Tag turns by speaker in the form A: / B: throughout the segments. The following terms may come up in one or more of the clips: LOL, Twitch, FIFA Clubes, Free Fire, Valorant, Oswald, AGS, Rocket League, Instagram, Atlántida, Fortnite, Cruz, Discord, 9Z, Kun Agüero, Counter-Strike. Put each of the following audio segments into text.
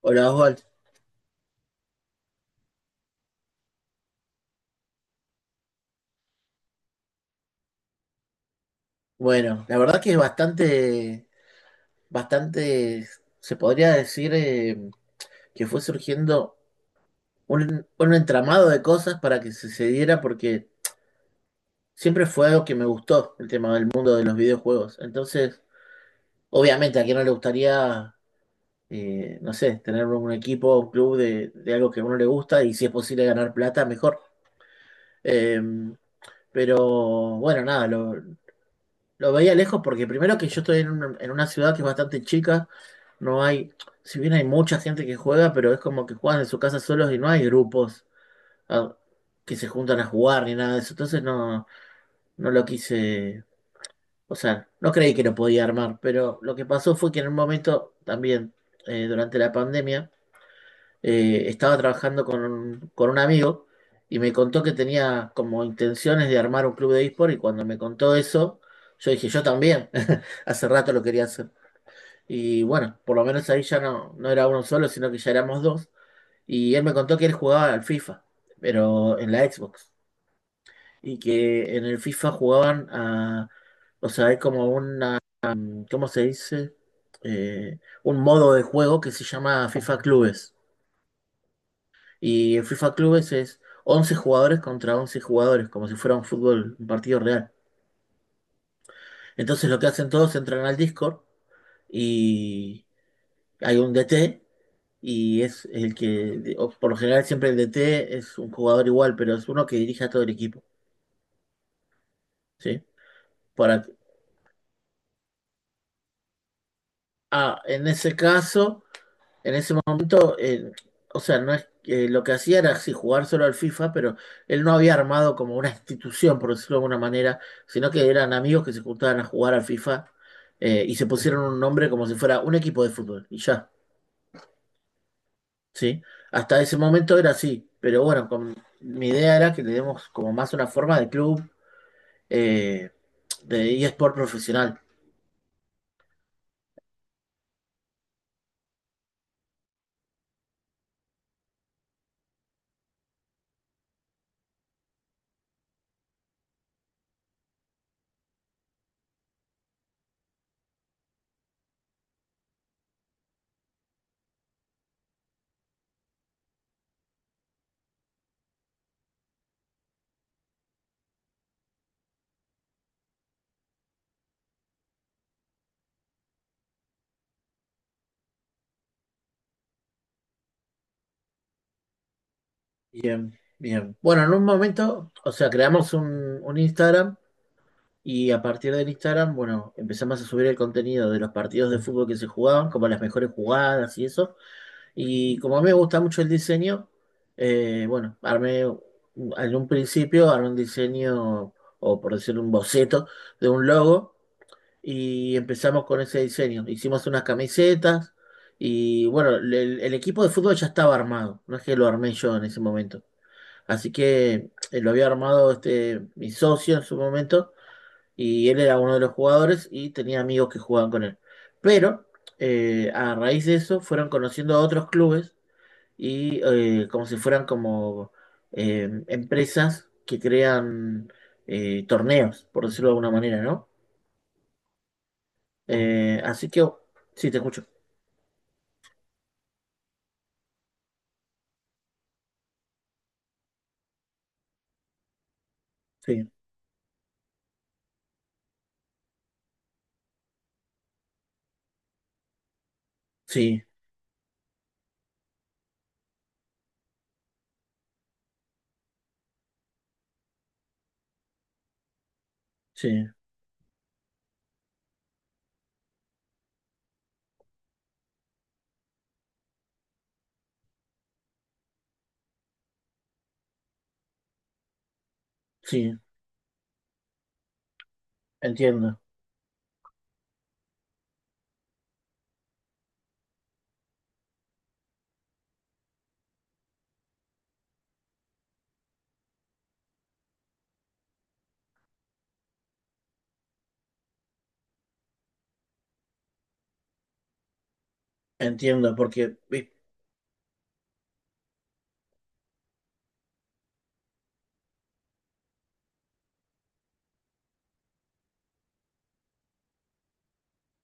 A: Hola Oswald. Bueno, la verdad que es bastante, bastante, se podría decir que fue surgiendo un entramado de cosas para que se diera porque siempre fue algo que me gustó, el tema del mundo de los videojuegos. Entonces, obviamente a quien no le gustaría, no sé, tener un equipo, un club de algo que a uno le gusta y si es posible ganar plata, mejor. Eh, pero bueno, nada, lo veía lejos porque primero que yo estoy en una, ciudad que es bastante chica, no hay, si bien hay mucha gente que juega, pero es como que juegan en su casa solos y no hay grupos ah, que se juntan a jugar ni nada de eso. Entonces no, no lo quise, o sea, no creí que lo podía armar, pero lo que pasó fue que en un momento también, durante la pandemia, estaba trabajando con un amigo y me contó que tenía como intenciones de armar un club de eSport y cuando me contó eso, yo dije, yo también, hace rato lo quería hacer. Y bueno, por lo menos ahí ya no, no era uno solo, sino que ya éramos dos. Y él me contó que él jugaba al FIFA, pero en la Xbox. Y que en el FIFA jugaban a. O sea, hay como una. ¿Cómo se dice? Un modo de juego que se llama FIFA Clubes. Y en FIFA Clubes es 11 jugadores contra 11 jugadores, como si fuera un fútbol, un partido real. Entonces lo que hacen todos, entran al Discord y hay un DT y es el que, o por lo general siempre el DT es un jugador igual, pero es uno que dirige a todo el equipo, ¿sí? Para, en ese caso. En ese momento, o sea, no es, lo que hacía era sí jugar solo al FIFA, pero él no había armado como una institución, por decirlo de alguna manera, sino que eran amigos que se juntaban a jugar al FIFA y se pusieron un nombre como si fuera un equipo de fútbol, y ya, ¿sí? Hasta ese momento era así, pero bueno, con, mi idea era que le demos como más una forma de club, eh, de eSport profesional. Bien, bien. Bueno, en un momento, o sea, creamos un Instagram. Y a partir del Instagram, bueno, empezamos a subir el contenido de los partidos de fútbol que se jugaban, como las mejores jugadas y eso. Y como a mí me gusta mucho el diseño, bueno, en un principio, armé un diseño, o por decir un boceto, de un logo, y empezamos con ese diseño. Hicimos unas camisetas, y bueno, el equipo de fútbol ya estaba armado, no es que lo armé yo en ese momento. Así que lo había armado mi socio en su momento y él era uno de los jugadores y tenía amigos que jugaban con él. Pero a raíz de eso fueron conociendo a otros clubes y como si fueran como empresas que crean torneos, por decirlo de alguna manera, ¿no? Así que, oh, sí, te escucho. Sí, sí, sí, sí, entiendo, entiendo, porque vi,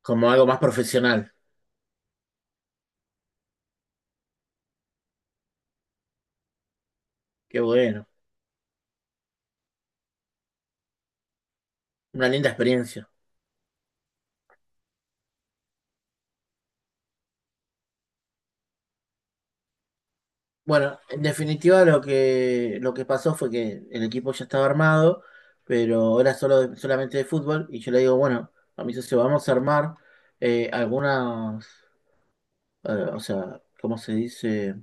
A: como algo más profesional, qué bueno, una linda experiencia. Bueno, en definitiva lo que, pasó fue que el equipo ya estaba armado, pero era solo solamente de fútbol, y yo le digo, bueno, a mi socio, vamos a armar algunas, eh, o sea, ¿cómo se dice?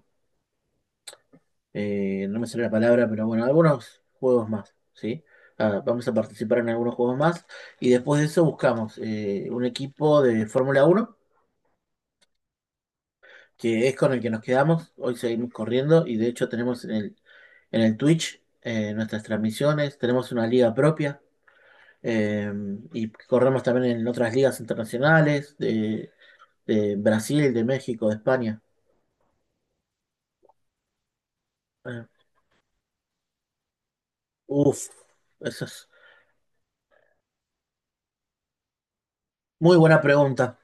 A: No me sale la palabra, pero bueno, algunos juegos más, ¿sí? Ah, vamos a participar en algunos juegos más, y después de eso buscamos un equipo de Fórmula 1 que es con el que nos quedamos. Hoy seguimos corriendo y de hecho tenemos en el Twitch nuestras transmisiones, tenemos una liga propia eh, y corremos también en otras ligas internacionales de Brasil, de México, de España. Eh, uf, esa es muy buena pregunta.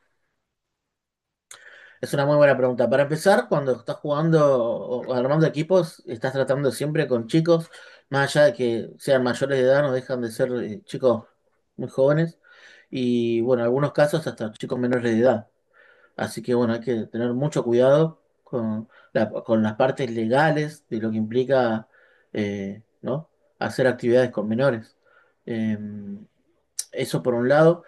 A: Es una muy buena pregunta. Para empezar, cuando estás jugando o armando equipos, estás tratando siempre con chicos, más allá de que sean mayores de edad, no dejan de ser chicos muy jóvenes. Y bueno, en algunos casos hasta chicos menores de edad. Así que bueno, hay que tener mucho cuidado con las partes legales de lo que implica, ¿no?, hacer actividades con menores. Eh, eso por un lado,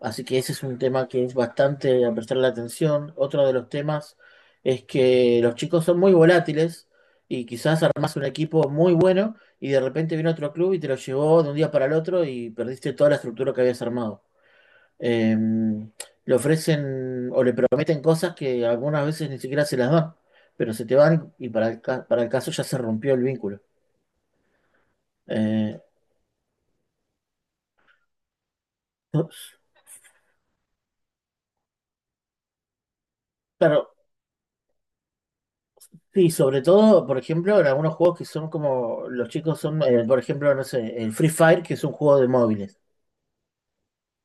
A: así que ese es un tema que es bastante a prestarle atención. Otro de los temas es que los chicos son muy volátiles y quizás armás un equipo muy bueno y de repente viene otro club y te lo llevó de un día para el otro y perdiste toda la estructura que habías armado eh, le ofrecen o le prometen cosas que algunas veces ni siquiera se las dan, pero se te van y para el caso ya se rompió el vínculo. Eh, claro, sí, sobre todo, por ejemplo, en algunos juegos que son como, los chicos son, por ejemplo, no sé, el Free Fire, que es un juego de móviles,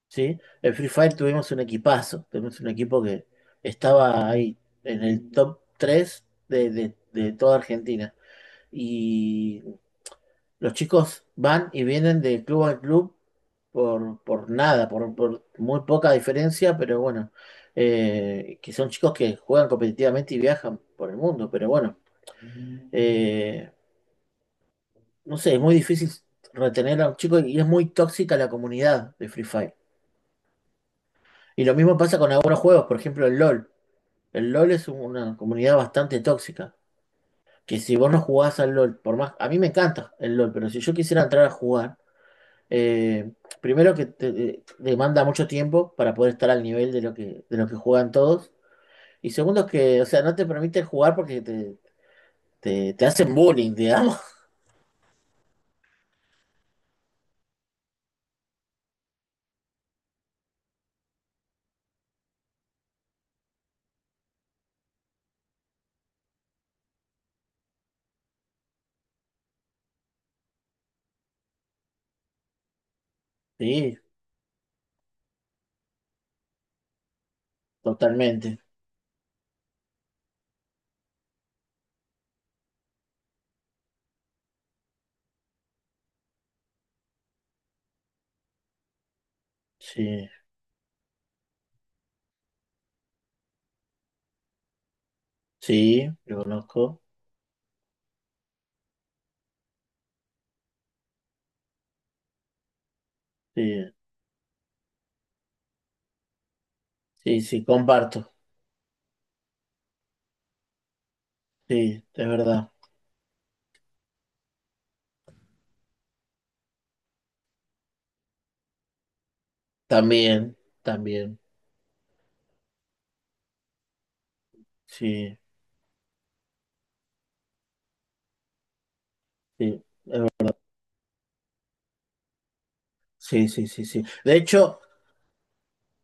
A: ¿sí? El Free Fire tuvimos un equipazo, tuvimos un equipo que estaba ahí en el top 3 de toda Argentina. Y los chicos van y vienen de club a club por nada, por muy poca diferencia, pero bueno, que son chicos que juegan competitivamente y viajan por el mundo, pero bueno, eh, no sé, es muy difícil retener a un chico y es muy tóxica la comunidad de Free Fire. Y lo mismo pasa con algunos juegos, por ejemplo el LOL. El LOL es una comunidad bastante tóxica, que si vos no jugás al LOL, por más, a mí me encanta el LOL, pero si yo quisiera entrar a jugar, Eh, primero que demanda mucho tiempo para poder estar al nivel de lo que juegan todos. Y segundo que, o sea, no te permiten jugar porque te hacen bullying, digamos. Sí, totalmente. Sí, sí, lo conozco. Sí, sí, sí, comparto. Sí, es verdad. También, también. Sí, sí, sí, sí, sí, sí. De hecho,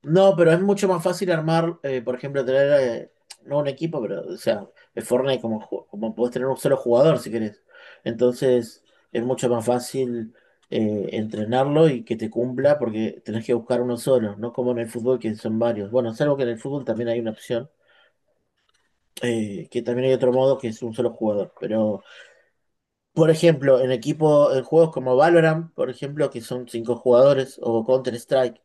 A: no, pero es mucho más fácil armar, por ejemplo, tener, no un equipo, pero, o sea, en Fortnite como, como podés tener un solo jugador si querés. Entonces, es mucho más fácil entrenarlo y que te cumpla porque tenés que buscar uno solo, no como en el fútbol que son varios. Bueno, salvo que en el fútbol también hay una opción, que también hay otro modo que es un solo jugador. Pero, por ejemplo, en equipo, en juegos como Valorant, por ejemplo, que son cinco jugadores, o Counter-Strike,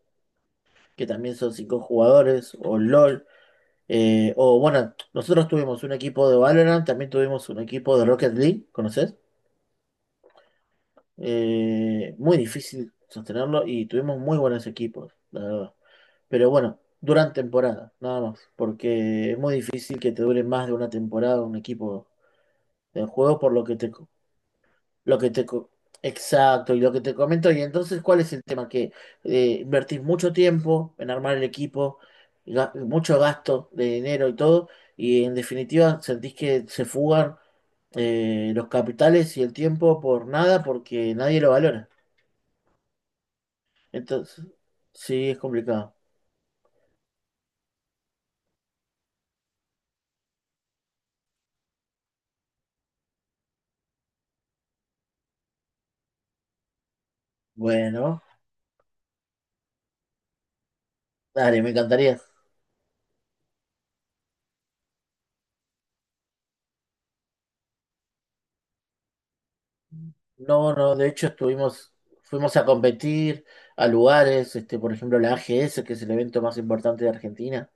A: que también son cinco jugadores, o LOL. O bueno, nosotros tuvimos un equipo de Valorant, también tuvimos un equipo de Rocket League, ¿conoces? Muy difícil sostenerlo y tuvimos muy buenos equipos, la verdad. Pero bueno, duran temporada, nada más, porque es muy difícil que te dure más de una temporada un equipo de juego, por lo que te, Lo que te... co- Exacto, y lo que te comento, y entonces, ¿cuál es el tema? Que invertís mucho tiempo en armar el equipo, y mucho gasto de dinero y todo, y en definitiva sentís que se fugan los capitales y el tiempo por nada porque nadie lo valora. Entonces, sí, es complicado. Bueno, dale, me encantaría. No, no, de hecho fuimos a competir a lugares, por ejemplo, la AGS, que es el evento más importante de Argentina.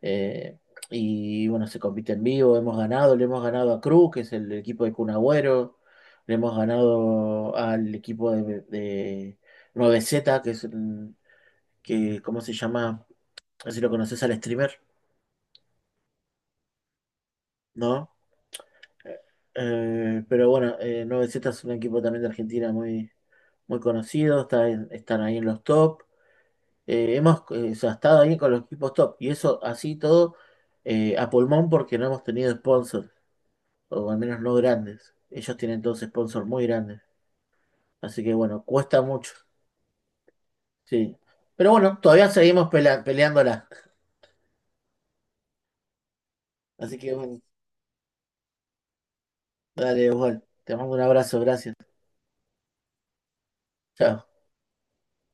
A: Eh, y bueno, se compite en vivo, le hemos ganado a Cruz, que es el equipo de Kun Agüero, le hemos ganado al equipo de 9Z, que es el, que, ¿cómo se llama? No sé si lo conoces al streamer, ¿no? Pero bueno, 9Z es un equipo también de Argentina muy, muy conocido, está están ahí en los top. Hemos o sea, estado ahí con los equipos top y eso así todo a pulmón porque no hemos tenido sponsors. O al menos no grandes. Ellos tienen todos sponsors muy grandes, así que bueno, cuesta mucho, sí. Pero bueno, todavía seguimos peleándola, así que bueno, dale, igual. Te mando un abrazo, gracias. Chao.